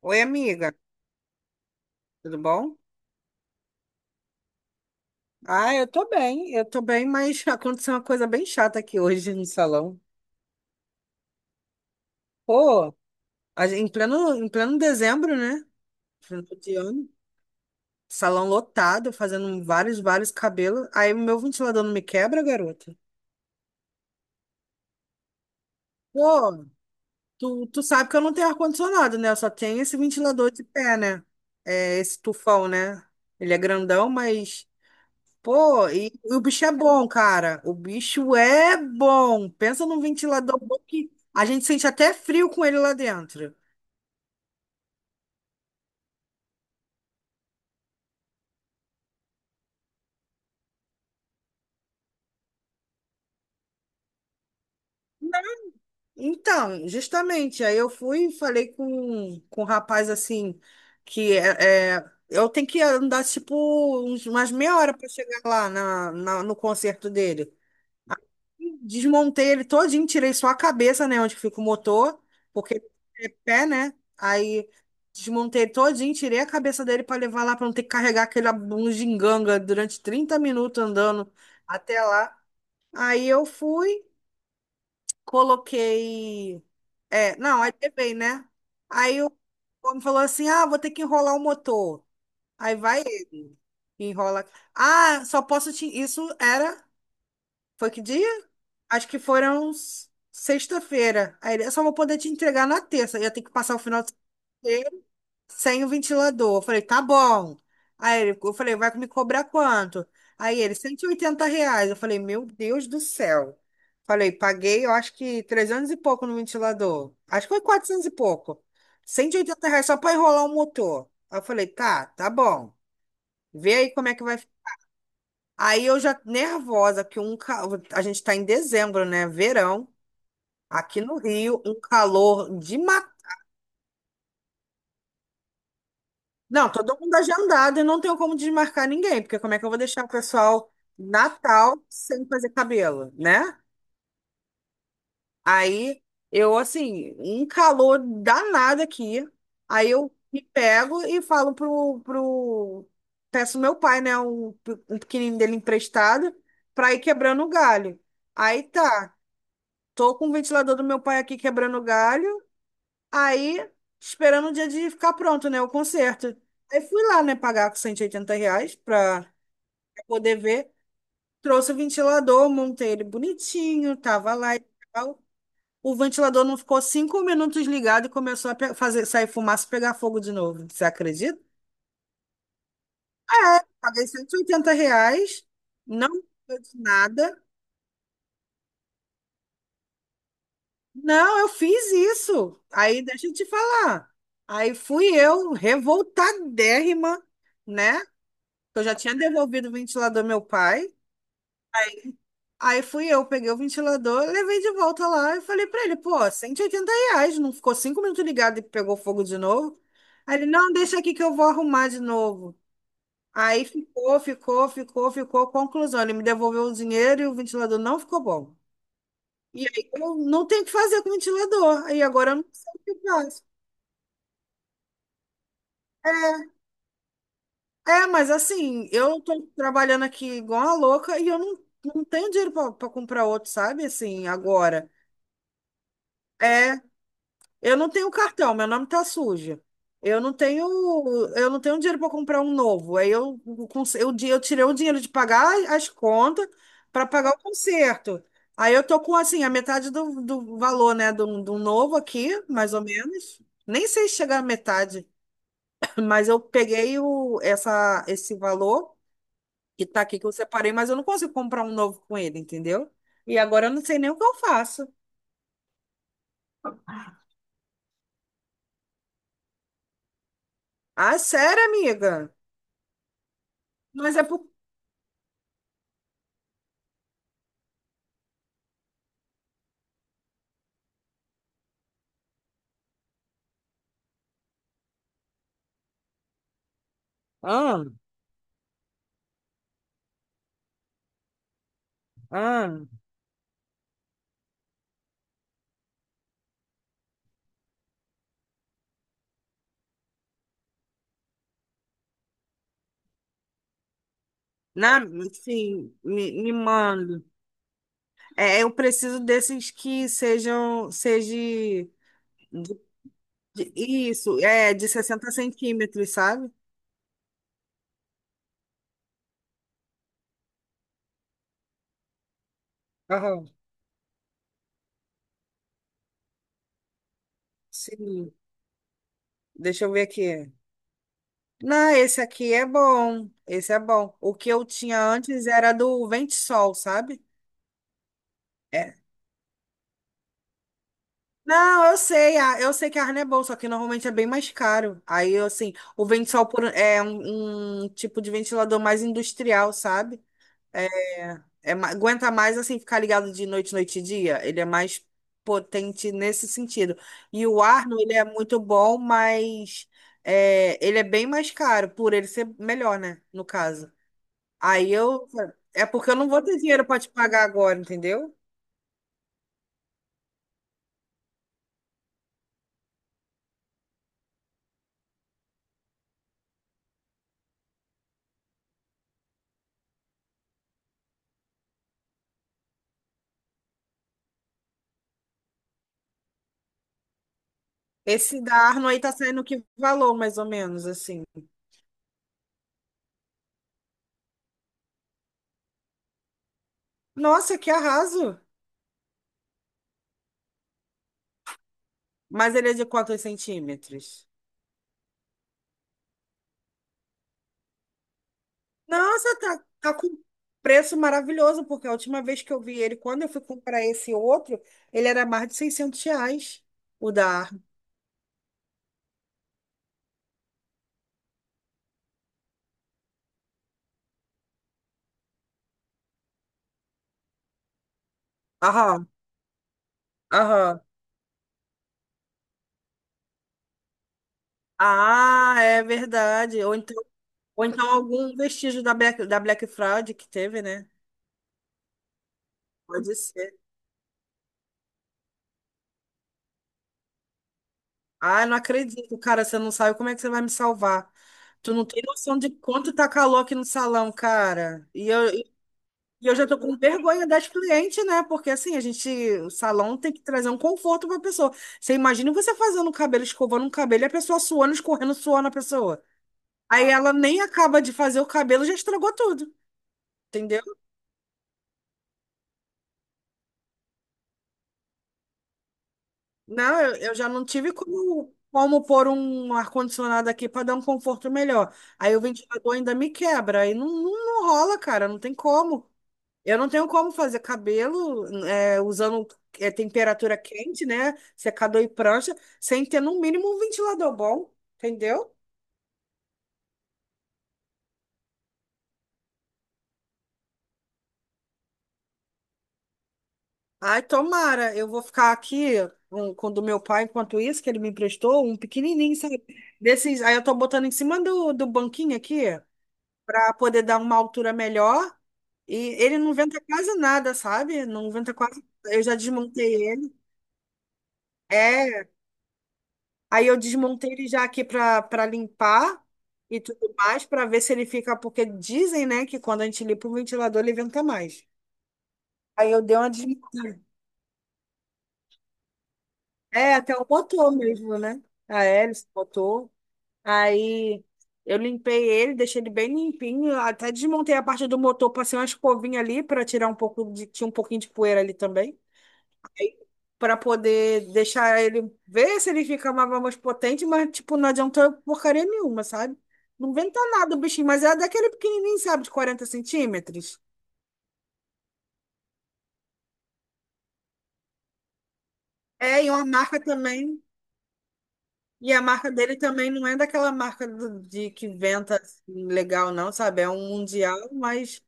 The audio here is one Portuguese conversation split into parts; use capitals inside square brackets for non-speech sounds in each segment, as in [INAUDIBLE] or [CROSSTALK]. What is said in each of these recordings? Oi, amiga, tudo bom? Ah, eu tô bem, mas [LAUGHS] aconteceu uma coisa bem chata aqui hoje no salão. Pô, em pleno dezembro, né? Final de ano, salão lotado, fazendo vários, vários cabelos. Aí o meu ventilador não me quebra, garota. Pô, tu sabe que eu não tenho ar-condicionado, né? Eu só tenho esse ventilador de pé, né? É, esse tufão, né? Ele é grandão, mas. Pô, e o bicho é bom, cara. O bicho é bom. Pensa num ventilador bom que a gente sente até frio com ele lá dentro. Então, justamente, aí eu fui e falei com um rapaz assim, que eu tenho que andar tipo umas meia hora para chegar lá no concerto dele. Desmontei ele todinho, tirei só a cabeça, né, onde fica o motor, porque é pé, né? Aí desmontei ele todinho, tirei a cabeça dele para levar lá para não ter que carregar aquele bugiganga durante 30 minutos andando até lá. Aí eu fui, coloquei, é, não, aí levei, né? Aí o homem falou assim: "Ah, vou ter que enrolar o motor". Aí vai ele, enrola. Ah, só posso te isso era foi que dia? Acho que foram sexta-feira. Aí ele, eu só vou poder te entregar na terça. Eu ia ter que passar o final de semana inteiro sem o ventilador. Eu falei, tá bom. Aí ele, eu falei, vai me cobrar quanto? Aí ele, R$ 180. Eu falei, meu Deus do céu. Falei, paguei, eu acho que 300 e pouco no ventilador. Acho que foi 400 e pouco. Cento e oitenta reais só para enrolar o motor. Aí eu falei, tá, tá bom. Vê aí como é que vai ficar. Aí eu já nervosa, que um, a gente tá em dezembro, né? Verão. Aqui no Rio, um calor de matar. Não, todo mundo é agendado e não tenho como desmarcar ninguém, porque como é que eu vou deixar o pessoal Natal sem fazer cabelo, né? Aí eu, assim, um calor danado aqui. Aí eu me pego e falo pro. Peço meu pai, né, um pequenininho dele emprestado, pra ir quebrando o galho. Aí tá, tô com o ventilador do meu pai aqui quebrando o galho. Aí, esperando o dia de ficar pronto, né? O concerto. Aí fui lá, né? Pagar com R$ 180 pra poder ver. Trouxe o ventilador, montei ele bonitinho, tava lá e tal. O ventilador não ficou 5 minutos ligado e começou a fazer, sair fumaça e pegar fogo de novo. Você acredita? Paguei R$ 180, não deu de nada. Não, eu fiz isso. Aí, deixa eu te falar. Aí fui eu, revoltadérrima, né? Eu já tinha devolvido o ventilador ao meu pai. Aí fui eu, peguei o ventilador, levei de volta lá e falei pra ele, pô, R$ 180, não ficou 5 minutos ligado e pegou fogo de novo? Aí ele, não, deixa aqui que eu vou arrumar de novo. Aí ficou, ficou, ficou, ficou. Conclusão, ele me devolveu o dinheiro e o ventilador não ficou bom. E aí eu não tenho o que fazer com o ventilador. Aí agora eu não sei o que eu faço. É, é, mas assim, eu tô trabalhando aqui igual uma louca e eu não, não tenho dinheiro pra comprar outro, sabe? Assim, agora. É, eu não tenho cartão, meu nome tá sujo. Eu não tenho, eu não tenho dinheiro para comprar um novo. Aí eu, eu tirei o dinheiro de pagar as contas para pagar o conserto. Aí eu tô com assim a metade do valor, né, do novo aqui, mais ou menos. Nem sei se chegar à metade, [CLEARS THROAT] [COUGHS] mas eu peguei o, essa, esse valor que tá aqui que eu separei, mas eu não consigo comprar um novo com ele, entendeu? E agora eu não sei nem o que eu faço. Ah, sério, amiga? Mas é por... Ah. Ah, na, sim, me manda. É, eu preciso desses que sejam, seja isso, é de 60 centímetros, sabe? Aham. Sim. Deixa eu ver aqui. Não, esse aqui é bom. Esse é bom. O que eu tinha antes era do Vento Sol, sabe? É. Não, eu sei, eu sei que a Arne é boa, só que normalmente é bem mais caro. Aí, assim, o Vento Sol por, é um, um tipo de ventilador mais industrial, sabe? É, é aguenta mais assim ficar ligado de noite, noite e dia. Ele é mais potente nesse sentido. E o Arno, ele é muito bom, mas é, ele é bem mais caro, por ele ser melhor, né? No caso. Aí eu. É porque eu não vou ter dinheiro para te pagar agora, entendeu? Esse da Arno aí tá saindo que valor, mais ou menos, assim. Nossa, que arraso! Mas ele é de quantos centímetros? Nossa, tá, tá com preço maravilhoso, porque a última vez que eu vi ele, quando eu fui comprar esse outro, ele era mais de R$ 600, o da Arma. Aham, aham. Ah, é verdade. Ou então algum vestígio da Black Fraud que teve, né? Pode ser. Ah, não acredito, cara, você não sabe como é que você vai me salvar. Tu não tem noção de quanto tá calor aqui no salão, cara. E eu, e eu já tô com vergonha das clientes, né? Porque assim, a gente, o salão tem que trazer um conforto pra pessoa. Você imagina você fazendo o cabelo, escovando um cabelo, e a pessoa suando, escorrendo suor na pessoa. Aí ela nem acaba de fazer o cabelo, já estragou tudo, entendeu? Não, eu já não tive como, como pôr um ar-condicionado aqui pra dar um conforto melhor. Aí o ventilador ainda me quebra, aí não, não, não rola, cara, não tem como. Eu não tenho como fazer cabelo é, usando é, temperatura quente, né? Secador e prancha, sem ter no mínimo um ventilador bom, entendeu? Ai, tomara. Eu vou ficar aqui um, com o do meu pai enquanto isso, que ele me emprestou, um pequenininho, sabe? Desses, aí eu tô botando em cima do banquinho aqui, pra poder dar uma altura melhor. E ele não venta quase nada, sabe? Não venta quase. Eu já desmontei ele. É, aí eu desmontei ele já aqui para limpar e tudo mais, para ver se ele fica, porque dizem, né, que quando a gente limpa o ventilador, ele venta mais. Aí eu dei uma desmontada. É, até o motor mesmo, né? A hélice, o motor. Aí eu limpei ele, deixei ele bem limpinho, até desmontei a parte do motor, passei uma escovinha ali para tirar um pouco de, tinha um pouquinho de poeira ali também, para poder deixar ele ver se ele fica mais potente, mas, tipo, não adiantou porcaria nenhuma, sabe? Não inventa nada o bichinho, mas é daquele pequenininho, sabe, de 40 centímetros. É, e uma marca também. E a marca dele também não é daquela marca de que inventa assim, legal, não, sabe? É um mundial, mas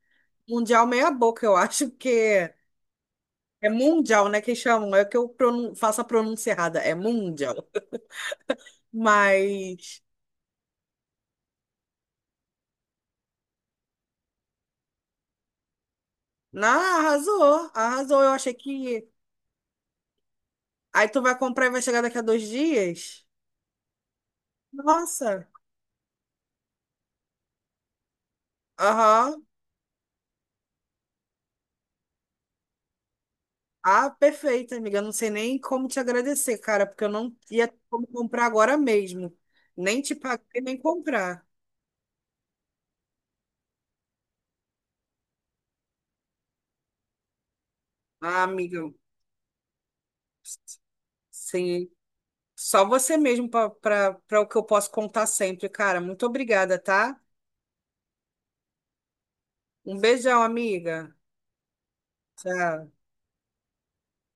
mundial meia boca, eu acho que é mundial, né? Que chamam, é que eu faço a pronúncia errada, é mundial. Mas, não, arrasou, arrasou. Eu achei que aí tu vai comprar e vai chegar daqui a dois dias? Nossa. Aham. Ah, perfeito, amiga. Eu não sei nem como te agradecer, cara, porque eu não ia ter como comprar agora mesmo. Nem te pagar e nem comprar. Ah, amiga, sim. Só você mesmo para o que eu posso contar sempre, cara. Muito obrigada, tá? Um beijão, amiga. Tchau.